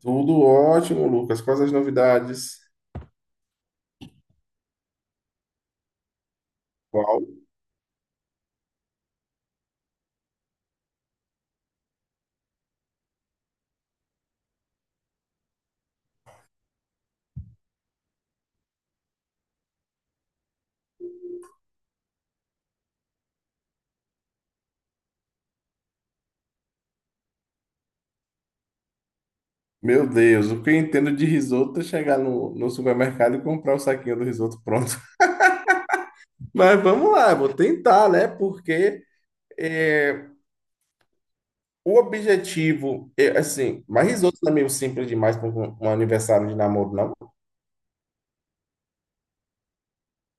Tudo ótimo, Lucas. Quais as novidades? Qual? Meu Deus, o que eu entendo de risoto é chegar no supermercado e comprar o saquinho do risoto pronto. Mas vamos lá, vou tentar, né? É, o objetivo, é, assim, mas risoto não é meio simples demais para um aniversário de namoro, não.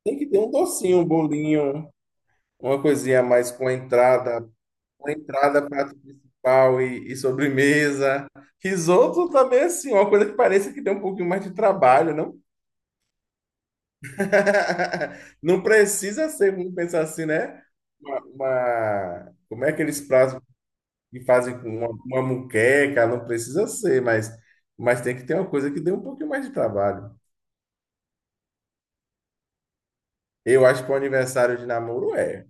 Tem que ter um docinho, um bolinho, uma coisinha a mais com a entrada, prato principal e sobremesa. Risoto também, assim, uma coisa que parece que tem um pouquinho mais de trabalho, não? Não precisa ser, vamos pensar assim, né? Como é aqueles pratos que fazem com uma moqueca? Não precisa ser, mas tem que ter uma coisa que dê um pouquinho mais de trabalho. Eu acho que o aniversário de namoro é.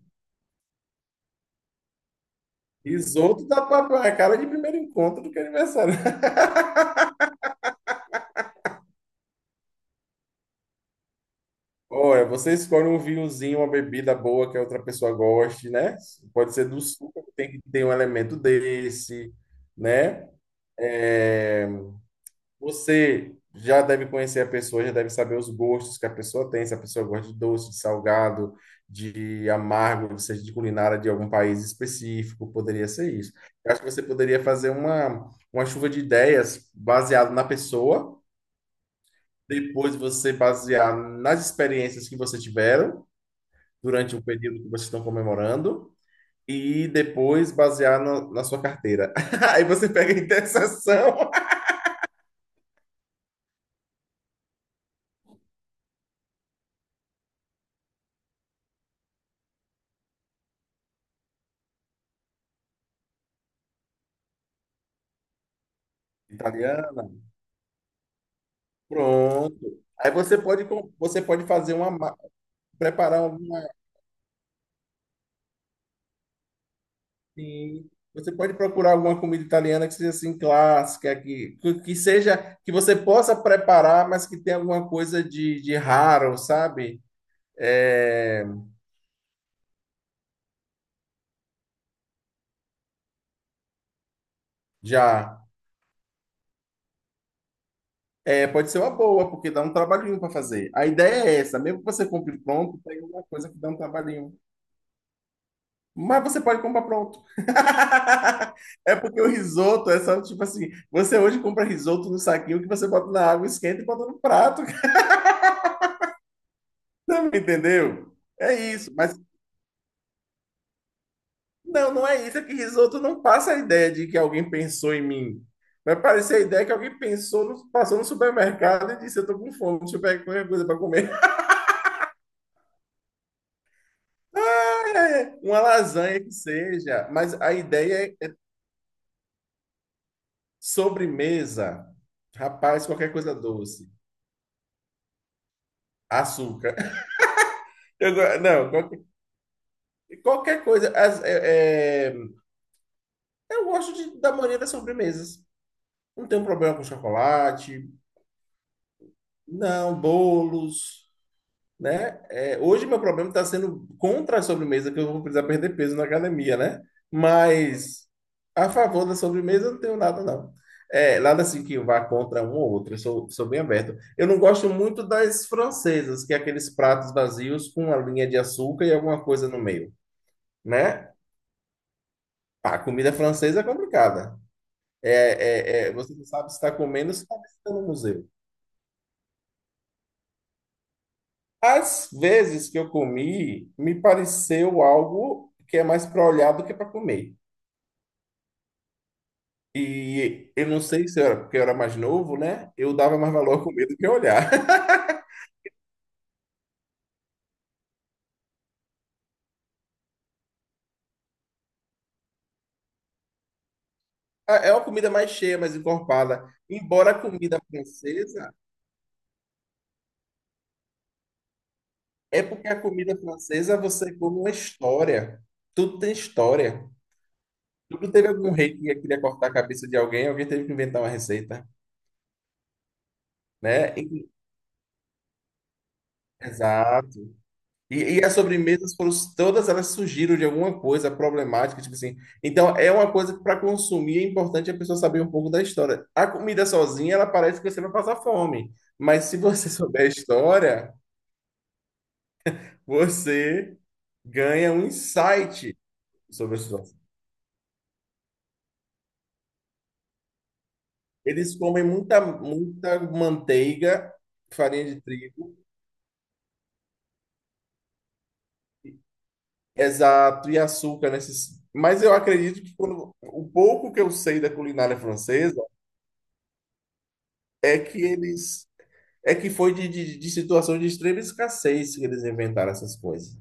Risoto dá pra é cara de primeiro encontro do que aniversário. Olha, você escolhe um vinhozinho, uma bebida boa que a outra pessoa goste, né? Pode ser do suco, tem que ter um elemento desse, né? É, você já deve conhecer a pessoa, já deve saber os gostos que a pessoa tem, se a pessoa gosta de doce, de salgado, de amargo, ou seja de culinária de algum país específico, poderia ser isso. Eu acho que você poderia fazer uma chuva de ideias baseado na pessoa, depois você basear nas experiências que você tiveram durante o período que vocês estão comemorando. E depois basear na sua carteira. Aí você pega a interseção. Italiana. Pronto. Aí você pode, você pode fazer preparar alguma, assim, você pode procurar alguma comida italiana que seja assim clássica, que seja, que você possa preparar, mas que tenha alguma coisa de raro, sabe? É, já. É, pode ser uma boa, porque dá um trabalhinho para fazer. A ideia é essa, mesmo que você compre pronto, tem alguma coisa que dá um trabalhinho. Mas você pode comprar pronto. É porque o risoto é só tipo assim: você hoje compra risoto no saquinho que você bota na água, esquenta e bota no prato. Não entendeu? É isso. Mas não é isso. É que risoto não passa a ideia de que alguém pensou em mim. Vai parecer a ideia que alguém pensou, passou no supermercado e disse: Eu tô com fome, deixa eu pegar qualquer coisa para comer. Ah, é, é. Uma lasanha que seja. Mas a ideia é sobremesa. Rapaz, qualquer coisa doce. Açúcar. Eu go- não, qualquer, Qualquer coisa. Eu gosto da maioria das sobremesas. Não tenho problema com chocolate, não, bolos, né? É, hoje meu problema está sendo contra a sobremesa, que eu vou precisar perder peso na academia, né? Mas a favor da sobremesa eu não tenho nada, não. É, nada assim que vá contra um ou outro, eu sou bem aberto. Eu não gosto muito das francesas, que é aqueles pratos vazios com uma linha de açúcar e alguma coisa no meio, né? Pá, comida francesa é complicada. Você não sabe se está comendo ou se está visitando um museu. Às vezes que eu comi, me pareceu algo que é mais para olhar do que para comer. E eu não sei se eu era, porque eu era mais novo, né? Eu dava mais valor à comida do que a olhar. É uma comida mais cheia, mais encorpada. Embora a comida francesa, é porque a comida francesa você come uma história. Tudo tem história. Tudo teve algum rei que queria cortar a cabeça de alguém, alguém teve que inventar uma receita. Né? Exato. E as sobremesas foram, todas elas surgiram de alguma coisa problemática, tipo assim. Então é uma coisa que para consumir é importante a pessoa saber um pouco da história. A comida sozinha, ela parece que você vai passar fome, mas se você souber a história, você ganha um insight sobre a situação. Eles comem muita, muita manteiga, farinha de trigo, exato, e açúcar nesses. Mas eu acredito que o pouco que eu sei da culinária francesa é que eles é que foi de situação de extrema escassez que eles inventaram essas coisas,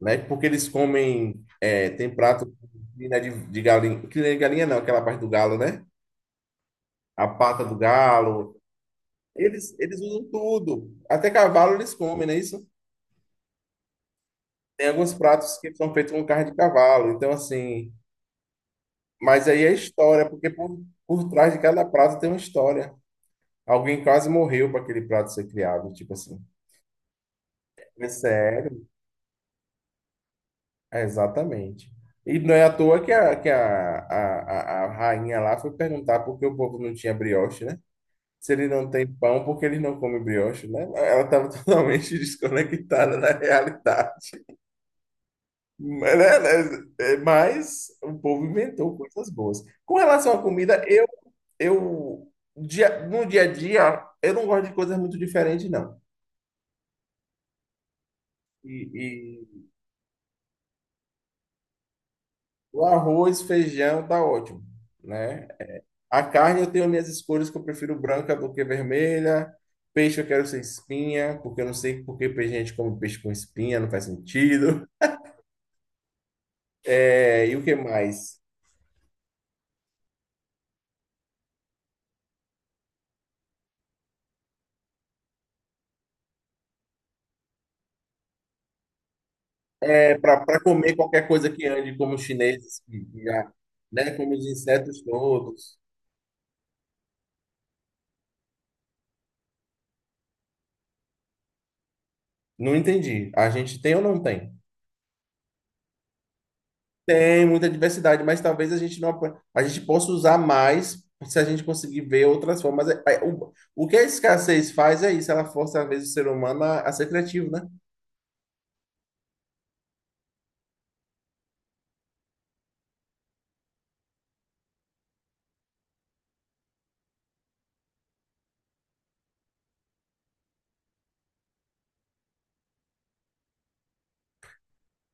né? Porque eles comem é, tem prato com crina de galinha, crina de galinha não, aquela parte do galo, né? A pata do galo. Eles usam tudo, até cavalo eles comem, não é isso? Tem alguns pratos que são feitos com carne de cavalo, então assim, mas aí é história, por trás de cada prato tem uma história. Alguém quase morreu para aquele prato ser criado, tipo assim. É sério. É, exatamente. E não é à toa que a rainha lá foi perguntar por que o povo não tinha brioche, né? Se ele não tem pão, por que ele não come brioche, né? Ela estava totalmente desconectada da realidade. Mas, né, né, é, mas o povo inventou coisas boas. Com relação à comida, eu no dia a dia, eu não gosto de coisas muito diferentes, não. E o arroz, feijão, tá ótimo, né? A carne eu tenho minhas escolhas que eu prefiro branca do que vermelha. Peixe eu quero sem espinha, porque eu não sei por que gente come peixe com espinha, não faz sentido. É, e o que mais? É, para comer qualquer coisa que ande, como os chineses, que já, né, como os insetos todos. Não entendi. A gente tem ou não tem? Tem muita diversidade, mas talvez a gente não apro- a gente possa usar mais se a gente conseguir ver outras formas. É, é, o que a escassez faz é isso, ela força às vezes o ser humano a ser criativo, né?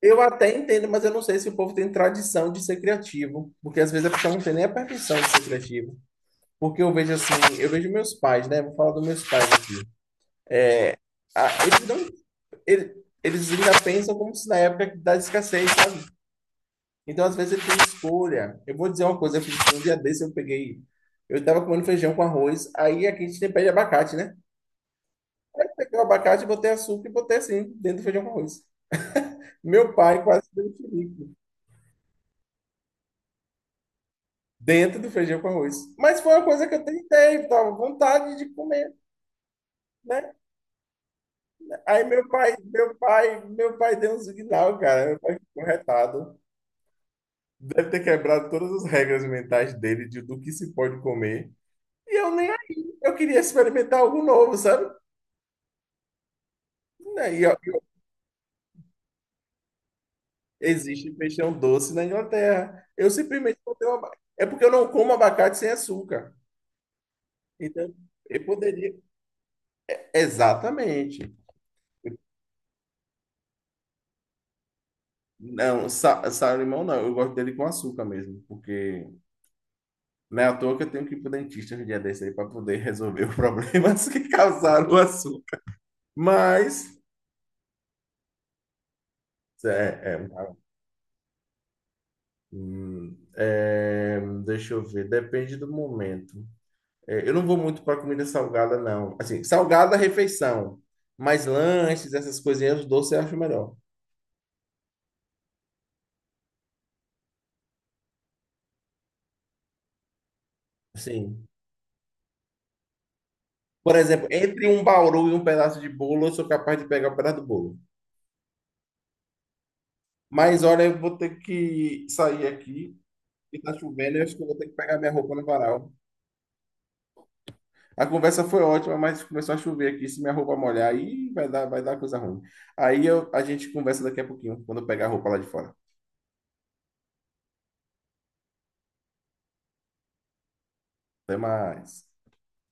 Eu até entendo, mas eu não sei se o povo tem tradição de ser criativo, porque às vezes a pessoa não tem nem a permissão de ser criativo. Porque eu vejo assim, eu vejo meus pais, né? Vou falar dos meus pais aqui. Ah, eles não, ele- Eles ainda pensam como se na época da escassez, sabe? Então às vezes ele tem escolha. Eu vou dizer uma coisa, eu fiz um dia desse, eu tava comendo feijão com arroz, aí aqui a gente tem pé de abacate, né? Eu peguei o abacate, botei açúcar e botei assim, dentro do feijão com arroz. Meu pai quase deu um chilique. Dentro do feijão com arroz. Mas foi uma coisa que eu tentei, tava com vontade de comer, né? Aí meu pai deu um sinal, cara. Meu pai ficou retado. Deve ter quebrado todas as regras mentais dele de do que se pode comer. E eu nem aí. Eu queria experimentar algo novo, sabe? Né, existe feijão doce na Inglaterra. Eu simplesmente botei uma... É porque eu não como abacate sem açúcar. Então, eu poderia... Exatamente. Não, sa sal-limão não, eu gosto dele com açúcar mesmo, porque não é à toa que eu tenho que ir pro dentista um dia desse aí para poder resolver os problemas que causaram o açúcar. Mas, é, é, hum, é, deixa eu ver, depende do momento. É, eu não vou muito para comida salgada, não. Assim, salgada, refeição, mas lanches, essas coisinhas, doce eu acho melhor. Sim, por exemplo, entre um bauru e um pedaço de bolo, eu sou capaz de pegar o pedaço do bolo. Mas olha, eu vou ter que sair aqui, que tá chovendo, e acho que eu vou ter que pegar minha roupa no varal. A conversa foi ótima, mas começou a chover aqui. Se minha roupa molhar, aí vai dar coisa ruim. A gente conversa daqui a pouquinho, quando eu pegar a roupa lá de fora. Até mais.